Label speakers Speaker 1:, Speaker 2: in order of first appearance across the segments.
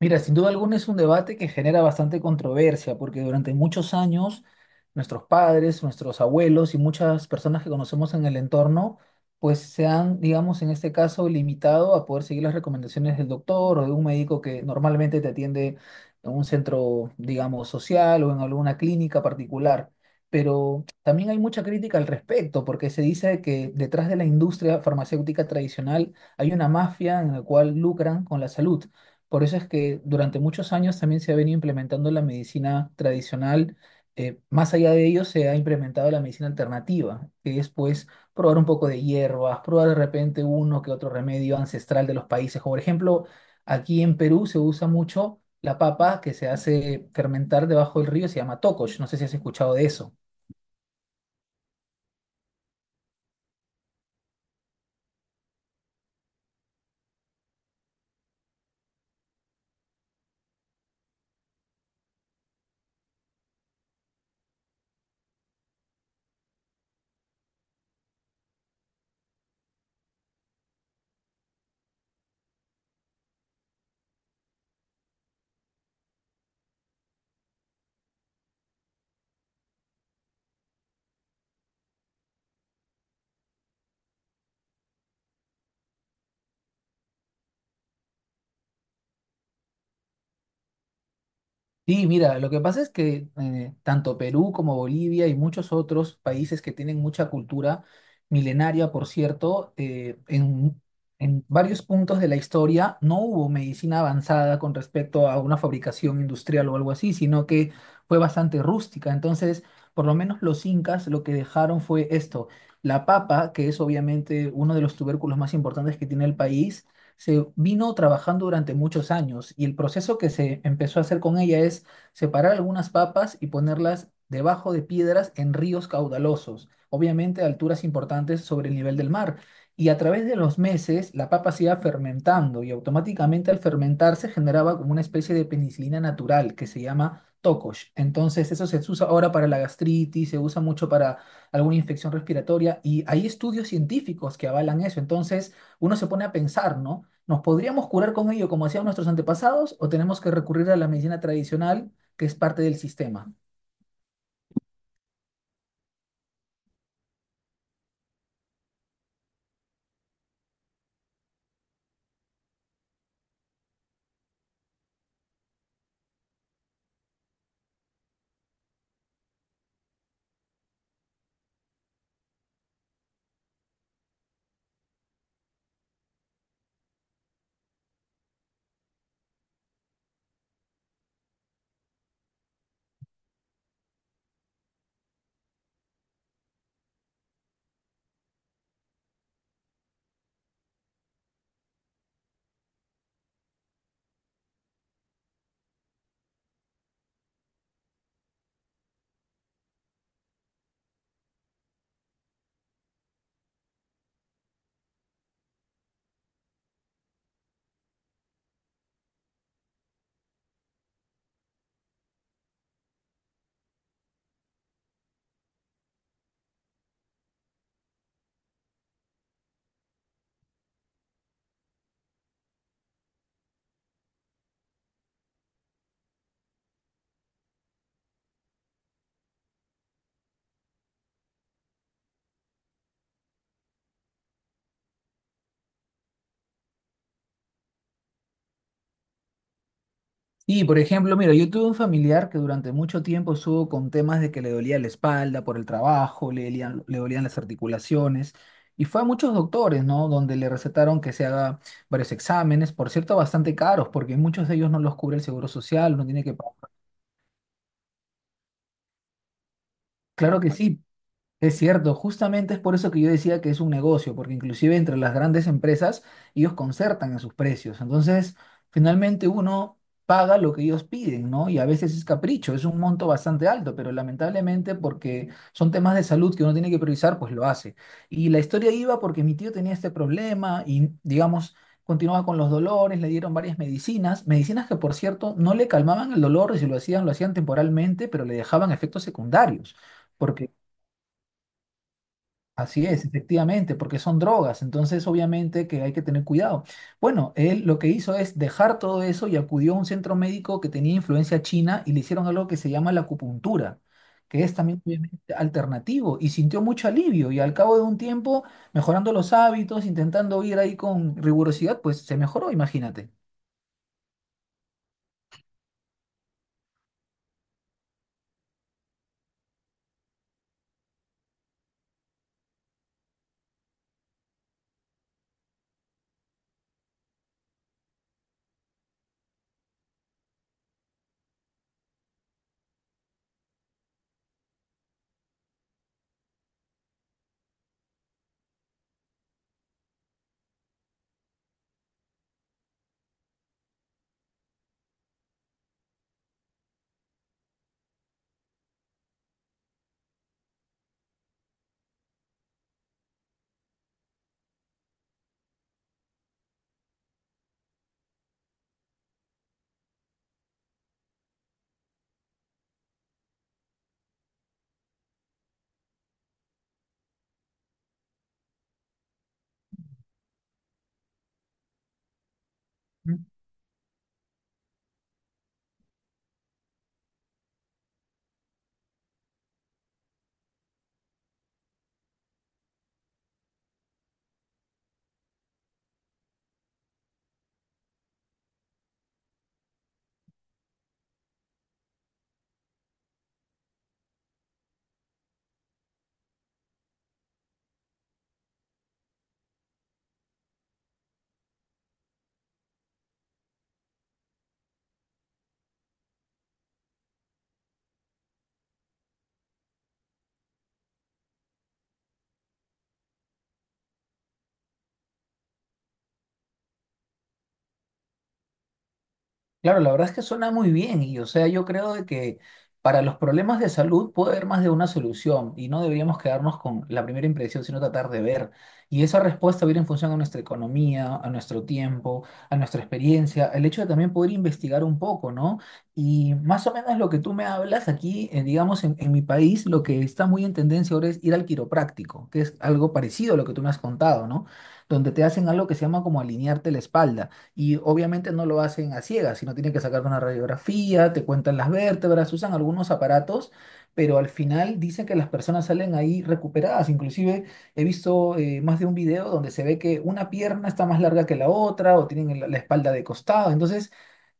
Speaker 1: Mira, sin duda alguna es un debate que genera bastante controversia, porque durante muchos años nuestros padres, nuestros abuelos y muchas personas que conocemos en el entorno, pues se han, digamos, en este caso, limitado a poder seguir las recomendaciones del doctor o de un médico que normalmente te atiende en un centro, digamos, social o en alguna clínica particular. Pero también hay mucha crítica al respecto, porque se dice que detrás de la industria farmacéutica tradicional hay una mafia en la cual lucran con la salud. Por eso es que durante muchos años también se ha venido implementando la medicina tradicional. Más allá de ello, se ha implementado la medicina alternativa, que es pues probar un poco de hierbas, probar de repente uno que otro remedio ancestral de los países. Como por ejemplo, aquí en Perú se usa mucho la papa que se hace fermentar debajo del río, se llama tocosh. No sé si has escuchado de eso. Sí, mira, lo que pasa es que tanto Perú como Bolivia y muchos otros países que tienen mucha cultura milenaria, por cierto, en varios puntos de la historia no hubo medicina avanzada con respecto a una fabricación industrial o algo así, sino que fue bastante rústica. Entonces, por lo menos los incas lo que dejaron fue esto, la papa, que es obviamente uno de los tubérculos más importantes que tiene el país se vino trabajando durante muchos años y el proceso que se empezó a hacer con ella es separar algunas papas y ponerlas debajo de piedras en ríos caudalosos, obviamente a alturas importantes sobre el nivel del mar. Y a través de los meses la papa se iba fermentando y automáticamente al fermentarse generaba como una especie de penicilina natural que se llama tocosh. Entonces eso se usa ahora para la gastritis, se usa mucho para alguna infección respiratoria y hay estudios científicos que avalan eso. Entonces uno se pone a pensar, ¿no? ¿Nos podríamos curar con ello como hacían nuestros antepasados o tenemos que recurrir a la medicina tradicional que es parte del sistema? Y, por ejemplo, mira, yo tuve un familiar que durante mucho tiempo estuvo con temas de que le dolía la espalda por el trabajo, le dolían las articulaciones y fue a muchos doctores, ¿no? Donde le recetaron que se haga varios exámenes, por cierto, bastante caros porque muchos de ellos no los cubre el seguro social, no tiene que pagar. Claro que sí, es cierto, justamente es por eso que yo decía que es un negocio, porque inclusive entre las grandes empresas ellos concertan a sus precios. Entonces, finalmente uno paga lo que ellos piden, ¿no? Y a veces es capricho, es un monto bastante alto, pero lamentablemente porque son temas de salud que uno tiene que priorizar, pues lo hace. Y la historia iba porque mi tío tenía este problema y, digamos, continuaba con los dolores, le dieron varias medicinas, medicinas que, por cierto, no le calmaban el dolor y si lo hacían, lo hacían temporalmente, pero le dejaban efectos secundarios. Así es, efectivamente, porque son drogas, entonces obviamente que hay que tener cuidado. Bueno, él lo que hizo es dejar todo eso y acudió a un centro médico que tenía influencia china y le hicieron algo que se llama la acupuntura, que es también obviamente alternativo y sintió mucho alivio y al cabo de un tiempo, mejorando los hábitos, intentando ir ahí con rigurosidad, pues se mejoró, imagínate. Claro, la verdad es que suena muy bien y, o sea, yo creo de que para los problemas de salud puede haber más de una solución y no deberíamos quedarnos con la primera impresión, sino tratar de ver. Y esa respuesta viene en función a nuestra economía, a nuestro tiempo, a nuestra experiencia, el hecho de también poder investigar un poco, ¿no? Y más o menos lo que tú me hablas aquí, digamos, en mi país, lo que está muy en tendencia ahora es ir al quiropráctico, que es algo parecido a lo que tú me has contado, ¿no? Donde te hacen algo que se llama como alinearte la espalda. Y obviamente no lo hacen a ciegas, sino tienen que sacar una radiografía, te cuentan las vértebras, usan algunos aparatos, pero al final dicen que las personas salen ahí recuperadas. Inclusive he visto más de un video donde se ve que una pierna está más larga que la otra o tienen la espalda de costado. Entonces,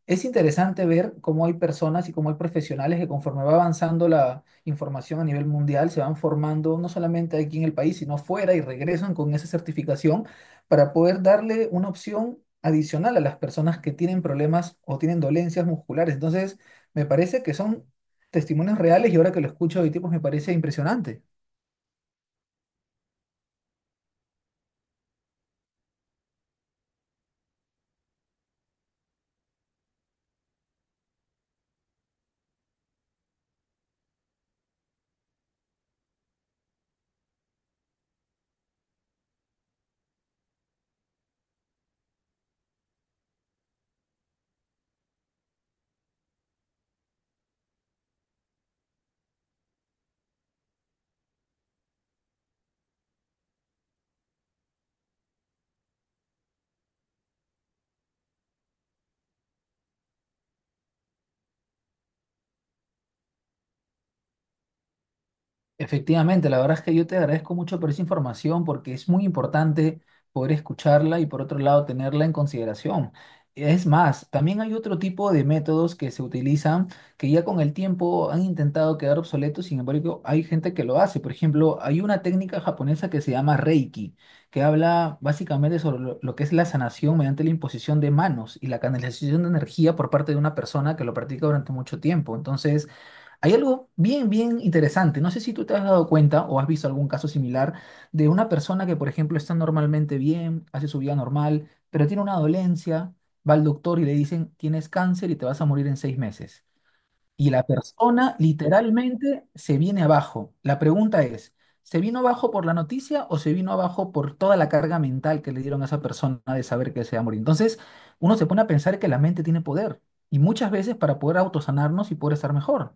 Speaker 1: es interesante ver cómo hay personas y cómo hay profesionales que conforme va avanzando la información a nivel mundial, se van formando no solamente aquí en el país, sino fuera y regresan con esa certificación para poder darle una opción adicional a las personas que tienen problemas o tienen dolencias musculares. Entonces, me parece que son testimonios reales y ahora que lo escucho de tipos me parece impresionante. Efectivamente, la verdad es que yo te agradezco mucho por esa información porque es muy importante poder escucharla y por otro lado tenerla en consideración. Es más, también hay otro tipo de métodos que se utilizan que ya con el tiempo han intentado quedar obsoletos, sin embargo, hay gente que lo hace. Por ejemplo, hay una técnica japonesa que se llama Reiki, que habla básicamente sobre lo que es la sanación mediante la imposición de manos y la canalización de energía por parte de una persona que lo practica durante mucho tiempo. Entonces, hay algo bien, bien interesante. No sé si tú te has dado cuenta o has visto algún caso similar de una persona que, por ejemplo, está normalmente bien, hace su vida normal, pero tiene una dolencia, va al doctor y le dicen, tienes cáncer y te vas a morir en 6 meses. Y la persona literalmente se viene abajo. La pregunta es, ¿se vino abajo por la noticia o se vino abajo por toda la carga mental que le dieron a esa persona de saber que se va a morir? Entonces, uno se pone a pensar que la mente tiene poder y muchas veces para poder autosanarnos y poder estar mejor.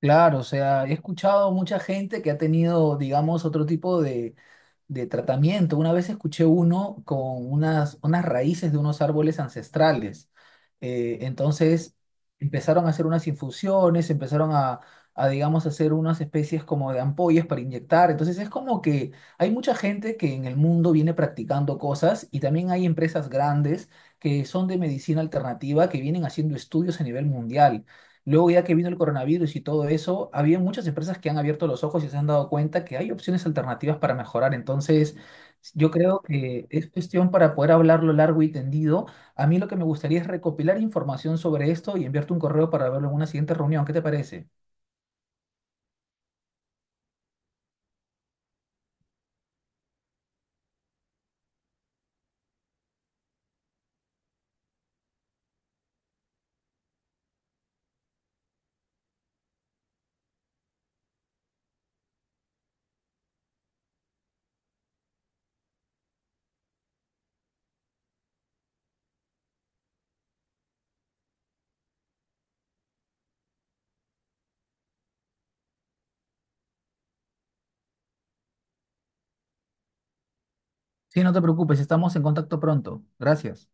Speaker 1: Claro, o sea, he escuchado mucha gente que ha tenido, digamos, otro tipo de tratamiento. Una vez escuché uno con unas raíces de unos árboles ancestrales. Entonces empezaron a hacer unas infusiones, empezaron a, digamos, hacer unas especies como de ampollas para inyectar. Entonces es como que hay mucha gente que en el mundo viene practicando cosas y también hay empresas grandes que son de medicina alternativa que vienen haciendo estudios a nivel mundial. Luego, ya que vino el coronavirus y todo eso, había muchas empresas que han abierto los ojos y se han dado cuenta que hay opciones alternativas para mejorar. Entonces, yo creo que es cuestión para poder hablarlo largo y tendido. A mí lo que me gustaría es recopilar información sobre esto y enviarte un correo para verlo en una siguiente reunión. ¿Qué te parece? Sí, no te preocupes, estamos en contacto pronto. Gracias.